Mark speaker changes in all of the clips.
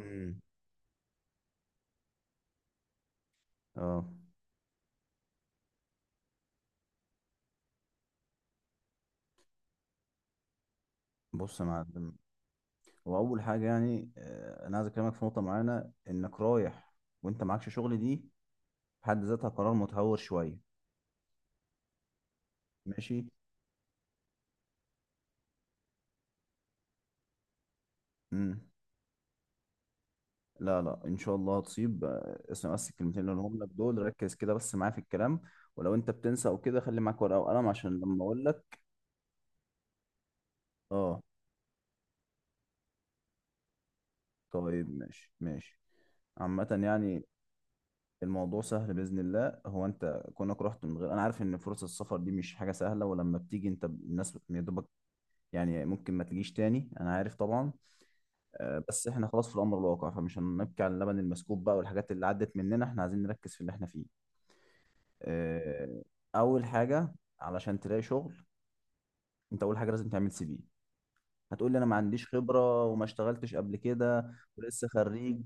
Speaker 1: امم اه بص يا معلم. هو اول حاجه يعني انا عايز اكلمك في نقطه معينه. انك رايح وانت معكش شغل دي في حد ذاتها قرار متهور شويه. ماشي. امم لا، ان شاء الله هتصيب. اسمع بس الكلمتين اللي هقولهم لك دول، ركز كده بس معايا في الكلام. ولو انت بتنسى او كده، خلي معاك ورقه وقلم عشان لما اقول لك. اه طيب ماشي. عامه يعني الموضوع سهل باذن الله. هو انت كونك رحت من غير، انا عارف ان فرص السفر دي مش حاجه سهله، ولما بتيجي انت الناس يا دوبك يعني ممكن ما تجيش تاني، انا عارف طبعا. بس احنا خلاص في الامر الواقع، فمش هنبكي على اللبن المسكوب بقى، والحاجات اللي عدت مننا احنا عايزين نركز في اللي احنا فيه. آه، اول حاجه علشان تلاقي شغل، انت اول حاجه لازم تعمل سي في. هتقول لي انا ما عنديش خبره وما اشتغلتش قبل كده ولسه خريج.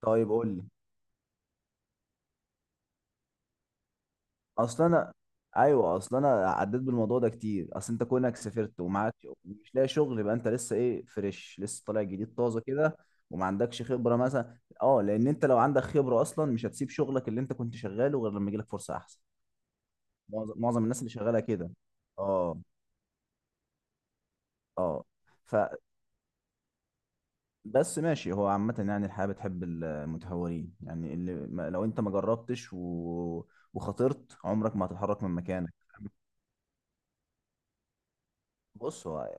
Speaker 1: طيب قول لي. اصل انا ايوه اصل انا عديت بالموضوع ده كتير. اصل انت كونك سافرت ومعاك مش لاقي شغل، يبقى انت لسه ايه؟ فريش، لسه طالع جديد طازه كده، وما عندكش خبره مثلا. اه لان انت لو عندك خبره اصلا مش هتسيب شغلك اللي انت كنت شغاله غير لما يجيلك فرصه احسن. معظم الناس اللي شغاله كده. اه اه، فبس ماشي. هو عامة يعني الحياة بتحب المتهورين. يعني اللي ما- لو انت ما جربتش وخاطرت، عمرك ما هتتحرك من مكانك. بص هو،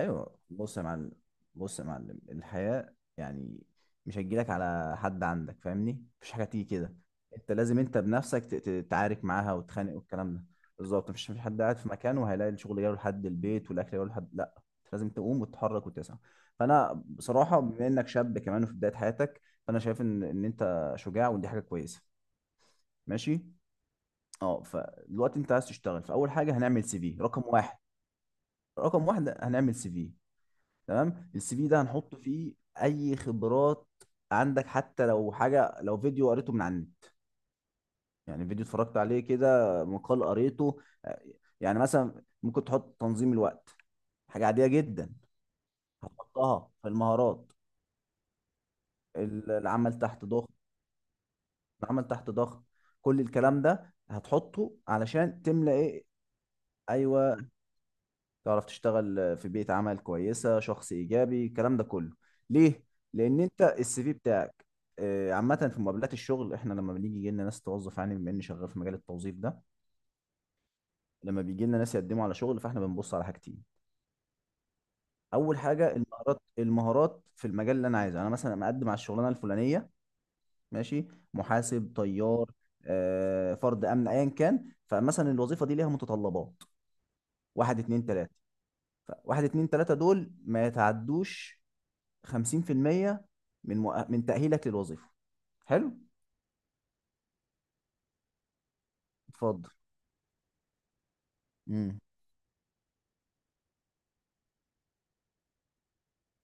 Speaker 1: ايوه بص يا معلم. بص يا معلم، الحياه يعني مش هتجيلك على حد عندك، فاهمني؟ مفيش حاجه تيجي كده. انت لازم بنفسك تعارك معاها وتخانق والكلام ده. بالظبط، مفيش حد قاعد في مكانه وهيلاقي الشغل جاي لحد البيت والاكل جاي لحد، لا. انت لازم تقوم وتتحرك وتسعى. فانا بصراحه بما انك شاب كمان وفي بدايه حياتك، فانا شايف ان انت شجاع ودي حاجه كويسه. ماشي. اه، فدلوقتي انت عايز تشتغل، فاول حاجه هنعمل سي في. رقم واحد، رقم واحد هنعمل سي في. تمام. السي في ده هنحط فيه اي خبرات عندك، حتى لو حاجه، لو فيديو قريته من على النت، يعني فيديو اتفرجت عليه كده، مقال قريته. يعني مثلا ممكن تحط تنظيم الوقت، حاجه عاديه جدا. هتحطها في المهارات. العمل تحت ضغط، العمل تحت ضغط. كل الكلام ده هتحطه علشان تملى ايه؟ ايوه، تعرف تشتغل في بيئة عمل كويسة، شخص إيجابي، الكلام ده كله. ليه؟ لأن أنت السي في بتاعك، عامة في مقابلات الشغل احنا لما بنيجي يجي لنا ناس توظف، يعني بما اني شغال في مجال التوظيف ده، لما بيجي لنا ناس يقدموا على شغل، فاحنا بنبص على حاجتين. اول حاجه المهارات، المهارات في المجال اللي انا عايزه. انا مثلا مقدم على الشغلانه الفلانيه، ماشي، محاسب، طيار، فرد امن، ايا كان. فمثلا الوظيفه دي ليها متطلبات، واحد اتنين تلاته. فواحد اتنين تلاته دول ما يتعدوش 50% من من تأهيلك للوظيفة. حلو، اتفضل. امم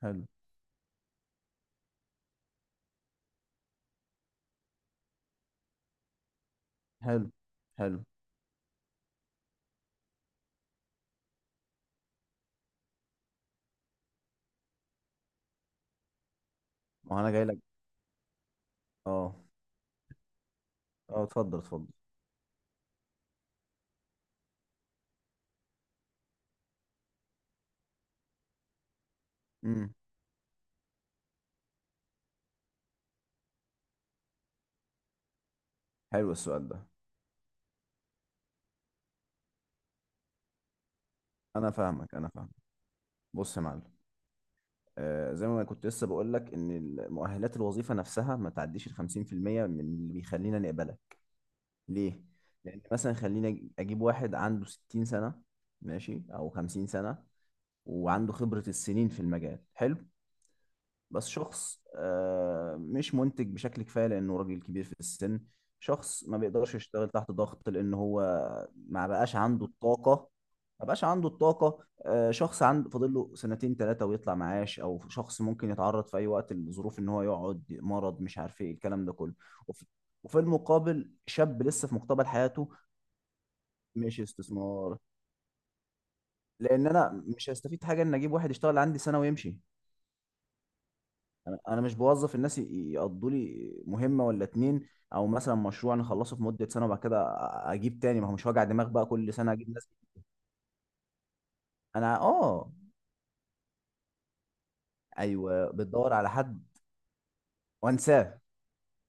Speaker 1: حلو، حلو حلو. ما انا جاي لك. اه اه، اتفضل اتفضل. امم حلو السؤال ده. انا فاهمك، انا فاهمك. بص يا معلم، آه زي ما أنا كنت لسه بقول لك ان مؤهلات الوظيفة نفسها ما تعديش ال 50% من اللي بيخلينا نقبلك. ليه؟ لان مثلا خليني اجيب واحد عنده 60 سنة، ماشي، او 50 سنة، وعنده خبرة السنين في المجال، حلو. بس شخص مش منتج بشكل كفايه لانه راجل كبير في السن. شخص ما بيقدرش يشتغل تحت ضغط لان هو ما بقاش عنده الطاقه ما بقاش عنده الطاقه. شخص عنده فاضل له سنتين ثلاثه ويطلع معاش، او شخص ممكن يتعرض في اي وقت لظروف ان هو يقعد مرض، مش عارف ايه الكلام ده كله. وفي وفي المقابل شاب لسه في مقتبل حياته. مش استثمار، لان انا مش هستفيد حاجه ان اجيب واحد يشتغل عندي سنه ويمشي. أنا مش بوظف الناس يقضوا لي مهمه ولا اتنين، او مثلا مشروع نخلصه في مده سنه وبعد كده اجيب تاني. ما هو مش وجع دماغ بقى كل سنه اجيب ناس. انا اه، ايوه بتدور على حد وانساه.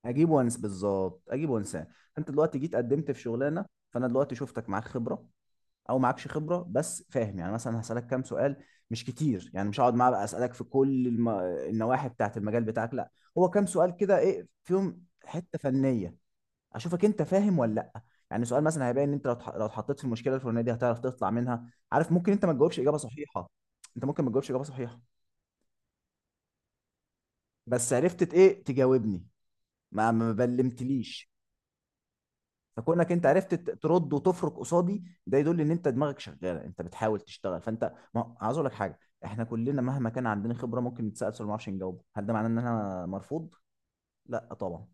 Speaker 1: اجيب وانس، بالظبط، اجيب وانساه. انت دلوقتي جيت قدمت في شغلانه، فانا دلوقتي شفتك معاك خبره او معكش خبره، بس فاهم يعني. مثلا هسالك كام سؤال، مش كتير، يعني مش هقعد معاه بقى اسالك في كل النواحي بتاعت المجال بتاعك، لا. هو كام سؤال كده، ايه فيهم حته فنيه اشوفك انت فاهم ولا لا. يعني سؤال مثلا هيبان ان انت لو لو اتحطيت في المشكله الفلانيه دي هتعرف تطلع منها. عارف، ممكن انت ما تجاوبش اجابه صحيحه، انت ممكن ما تجاوبش اجابه صحيحه، بس عرفت ايه؟ تجاوبني، ما بلمتليش. فكونك انت عرفت ترد وتفرك قصادي، ده يدل ان انت دماغك شغاله، انت بتحاول تشتغل. فانت، ما عاوز اقول لك حاجه، احنا كلنا مهما كان عندنا خبره ممكن نتسال سؤال ما نعرفش نجاوبه. هل ده معناه ان انا مرفوض؟ لا طبعا.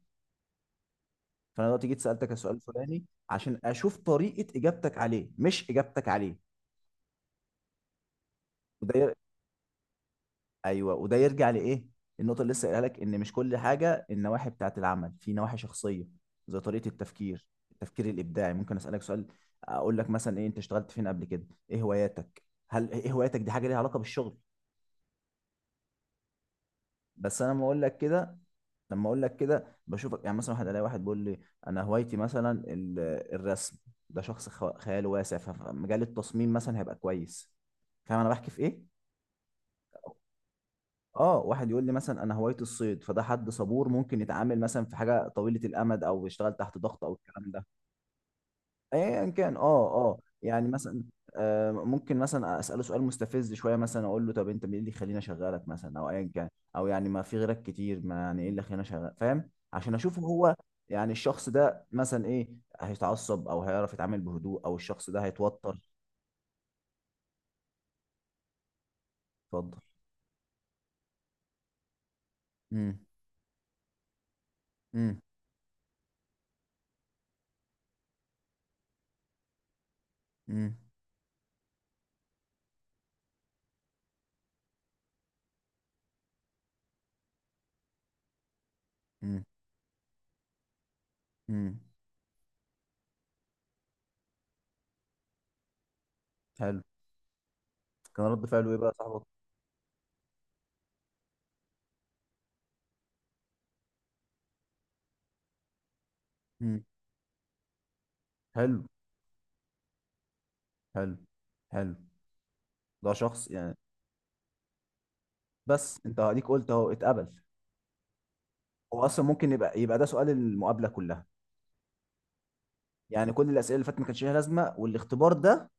Speaker 1: فانا دلوقتي جيت سالتك السؤال الفلاني عشان اشوف طريقه اجابتك عليه مش اجابتك عليه. وده، ايوه وده يرجع لايه؟ النقطه اللي لسه قايلها لك، ان مش كل حاجه النواحي بتاعت العمل، في نواحي شخصيه زي طريقه التفكير، التفكير الابداعي. ممكن اسالك سؤال اقول لك مثلا ايه، انت اشتغلت فين قبل كده، ايه هواياتك. هل ايه هواياتك دي حاجه ليها علاقه بالشغل؟ بس انا لما اقول لك كده، لما اقول لك كده بشوفك. يعني مثلا الاقي واحد بيقول لي انا هوايتي مثلا الرسم، ده شخص خياله واسع، فمجال التصميم مثلا هيبقى كويس. فاهم انا بحكي في ايه؟ اه، واحد يقول لي مثلا انا هوايتي الصيد، فده حد صبور ممكن يتعامل مثلا في حاجه طويله الامد، او يشتغل تحت ضغط او الكلام ده. ايا كان، اه يعني مثلا، آه ممكن مثلا اساله سؤال مستفز شويه. مثلا اقول له طب انت مين اللي يخليني اشغلك مثلا، او ايا كان، او يعني ما في غيرك كتير، ما يعني ايه اللي يخليني اشغلك، فاهم؟ عشان اشوف هو يعني الشخص ده مثلا ايه، هيتعصب او هيعرف يتعامل بهدوء، او الشخص ده هيتوتر. اتفضل. امم امم امم امم. حلو. كان رد فعله ايه بقى يا صاحبك؟ حلو حلو حلو. ده شخص يعني، بس انت هديك قلت اهو اتقبل. هو اصلا ممكن يبقى ده سؤال المقابله كلها. يعني كل الاسئله اللي فاتت ما كانش ليها لازمه، والاختبار ده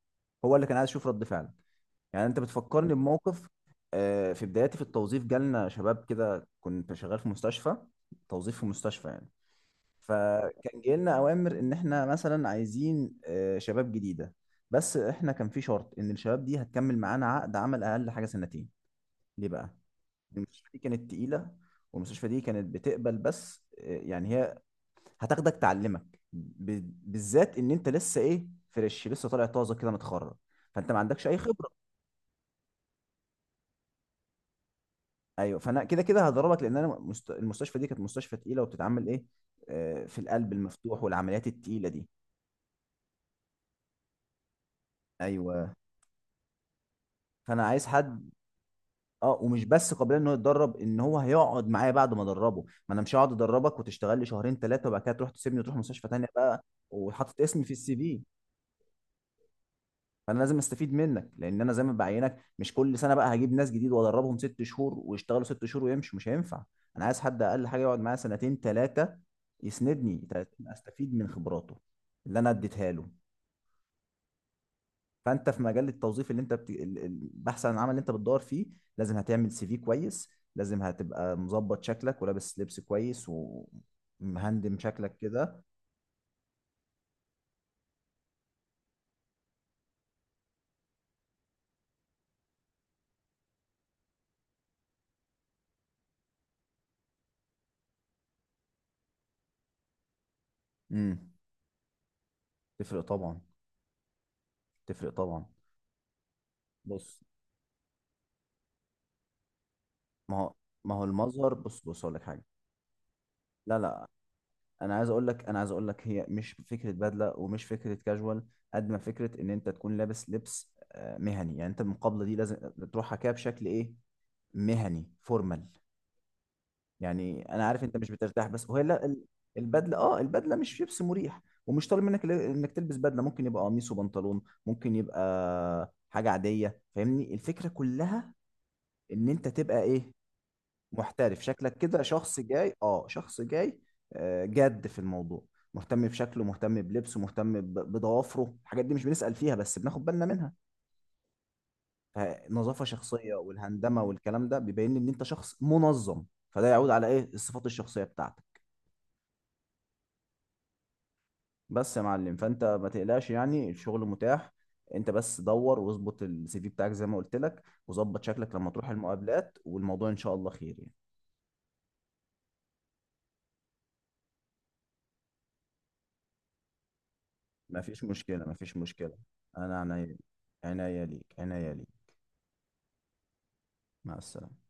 Speaker 1: هو اللي كان عايز اشوف رد فعلك. يعني انت بتفكرني بموقف. في بداياتي في التوظيف جالنا شباب كده، كنت شغال في مستشفى، توظيف في مستشفى يعني. فكان جاي لنا اوامر ان احنا مثلا عايزين شباب جديده، بس احنا كان في شرط ان الشباب دي هتكمل معانا عقد عمل اقل حاجه سنتين. ليه بقى؟ المستشفى دي كانت تقيلة. والمستشفى دي كانت بتقبل بس، يعني هي هتاخدك تعلمك بالذات ان انت لسه ايه؟ فريش، لسه طالع طازه كده، متخرج، فانت ما عندكش اي خبره. ايوه. فانا كده كده هضربك، لان انا المستشفى دي كانت مستشفى تقيله وبتتعمل ايه؟ في القلب المفتوح والعمليات التقيله دي. ايوه. فانا عايز حد، اه، ومش بس قابلين ان هو يتدرب، ان هو هيقعد معايا بعد ما ادربه. ما انا مش هقعد ادربك وتشتغل لي شهرين ثلاثه وبعد كده تروح تسيبني وتروح مستشفى تانيه بقى، وحاطط اسمي في السي في. فانا لازم استفيد منك، لان انا زي ما بعينك مش كل سنه بقى هجيب ناس جديد وادربهم ست شهور ويشتغلوا ست شهور ويمشوا، مش هينفع. انا عايز حد اقل حاجه يقعد معايا سنتين ثلاثه، يسندني استفيد من خبراته اللي انا اديتها له. فانت في مجال التوظيف اللي انت البحث عن العمل اللي انت بتدور فيه، لازم هتعمل سي في كويس، لازم هتبقى مظبط شكلك ولابس لبس كويس ومهندم شكلك كده. امم تفرق طبعا، تفرق طبعا. بص، ما هو ما هو المظهر، بص بص اقول لك حاجه. لا لا، انا عايز اقول لك، انا عايز اقول لك هي مش فكره بدله ومش فكره كاجوال، قد ما فكره ان انت تكون لابس لبس مهني. يعني انت المقابله دي لازم تروحها كده بشكل ايه؟ مهني، فورمال. يعني انا عارف انت مش بترتاح، بس وهي لا البدله، اه البدله مش لبس مريح، ومش طالب منك انك تلبس بدله. ممكن يبقى قميص وبنطلون، ممكن يبقى حاجه عاديه. فاهمني؟ الفكره كلها ان انت تبقى ايه؟ محترف شكلك كده، شخص جاي، اه شخص جاي جد في الموضوع، مهتم بشكله، مهتم بلبسه، مهتم بضوافره. الحاجات دي مش بنسأل فيها بس بناخد بالنا منها. فنظافة شخصية والهندمة والكلام ده بيبين لي ان انت شخص منظم، فده يعود على ايه؟ الصفات الشخصية بتاعتك. بس يا معلم، فانت ما تقلقش يعني، الشغل متاح. انت بس دور واظبط السي في بتاعك زي ما قلت لك، وظبط شكلك لما تروح المقابلات، والموضوع ان شاء الله خير يعني. مفيش مشكلة. أنا عناية، عناية ليك. مع السلامة.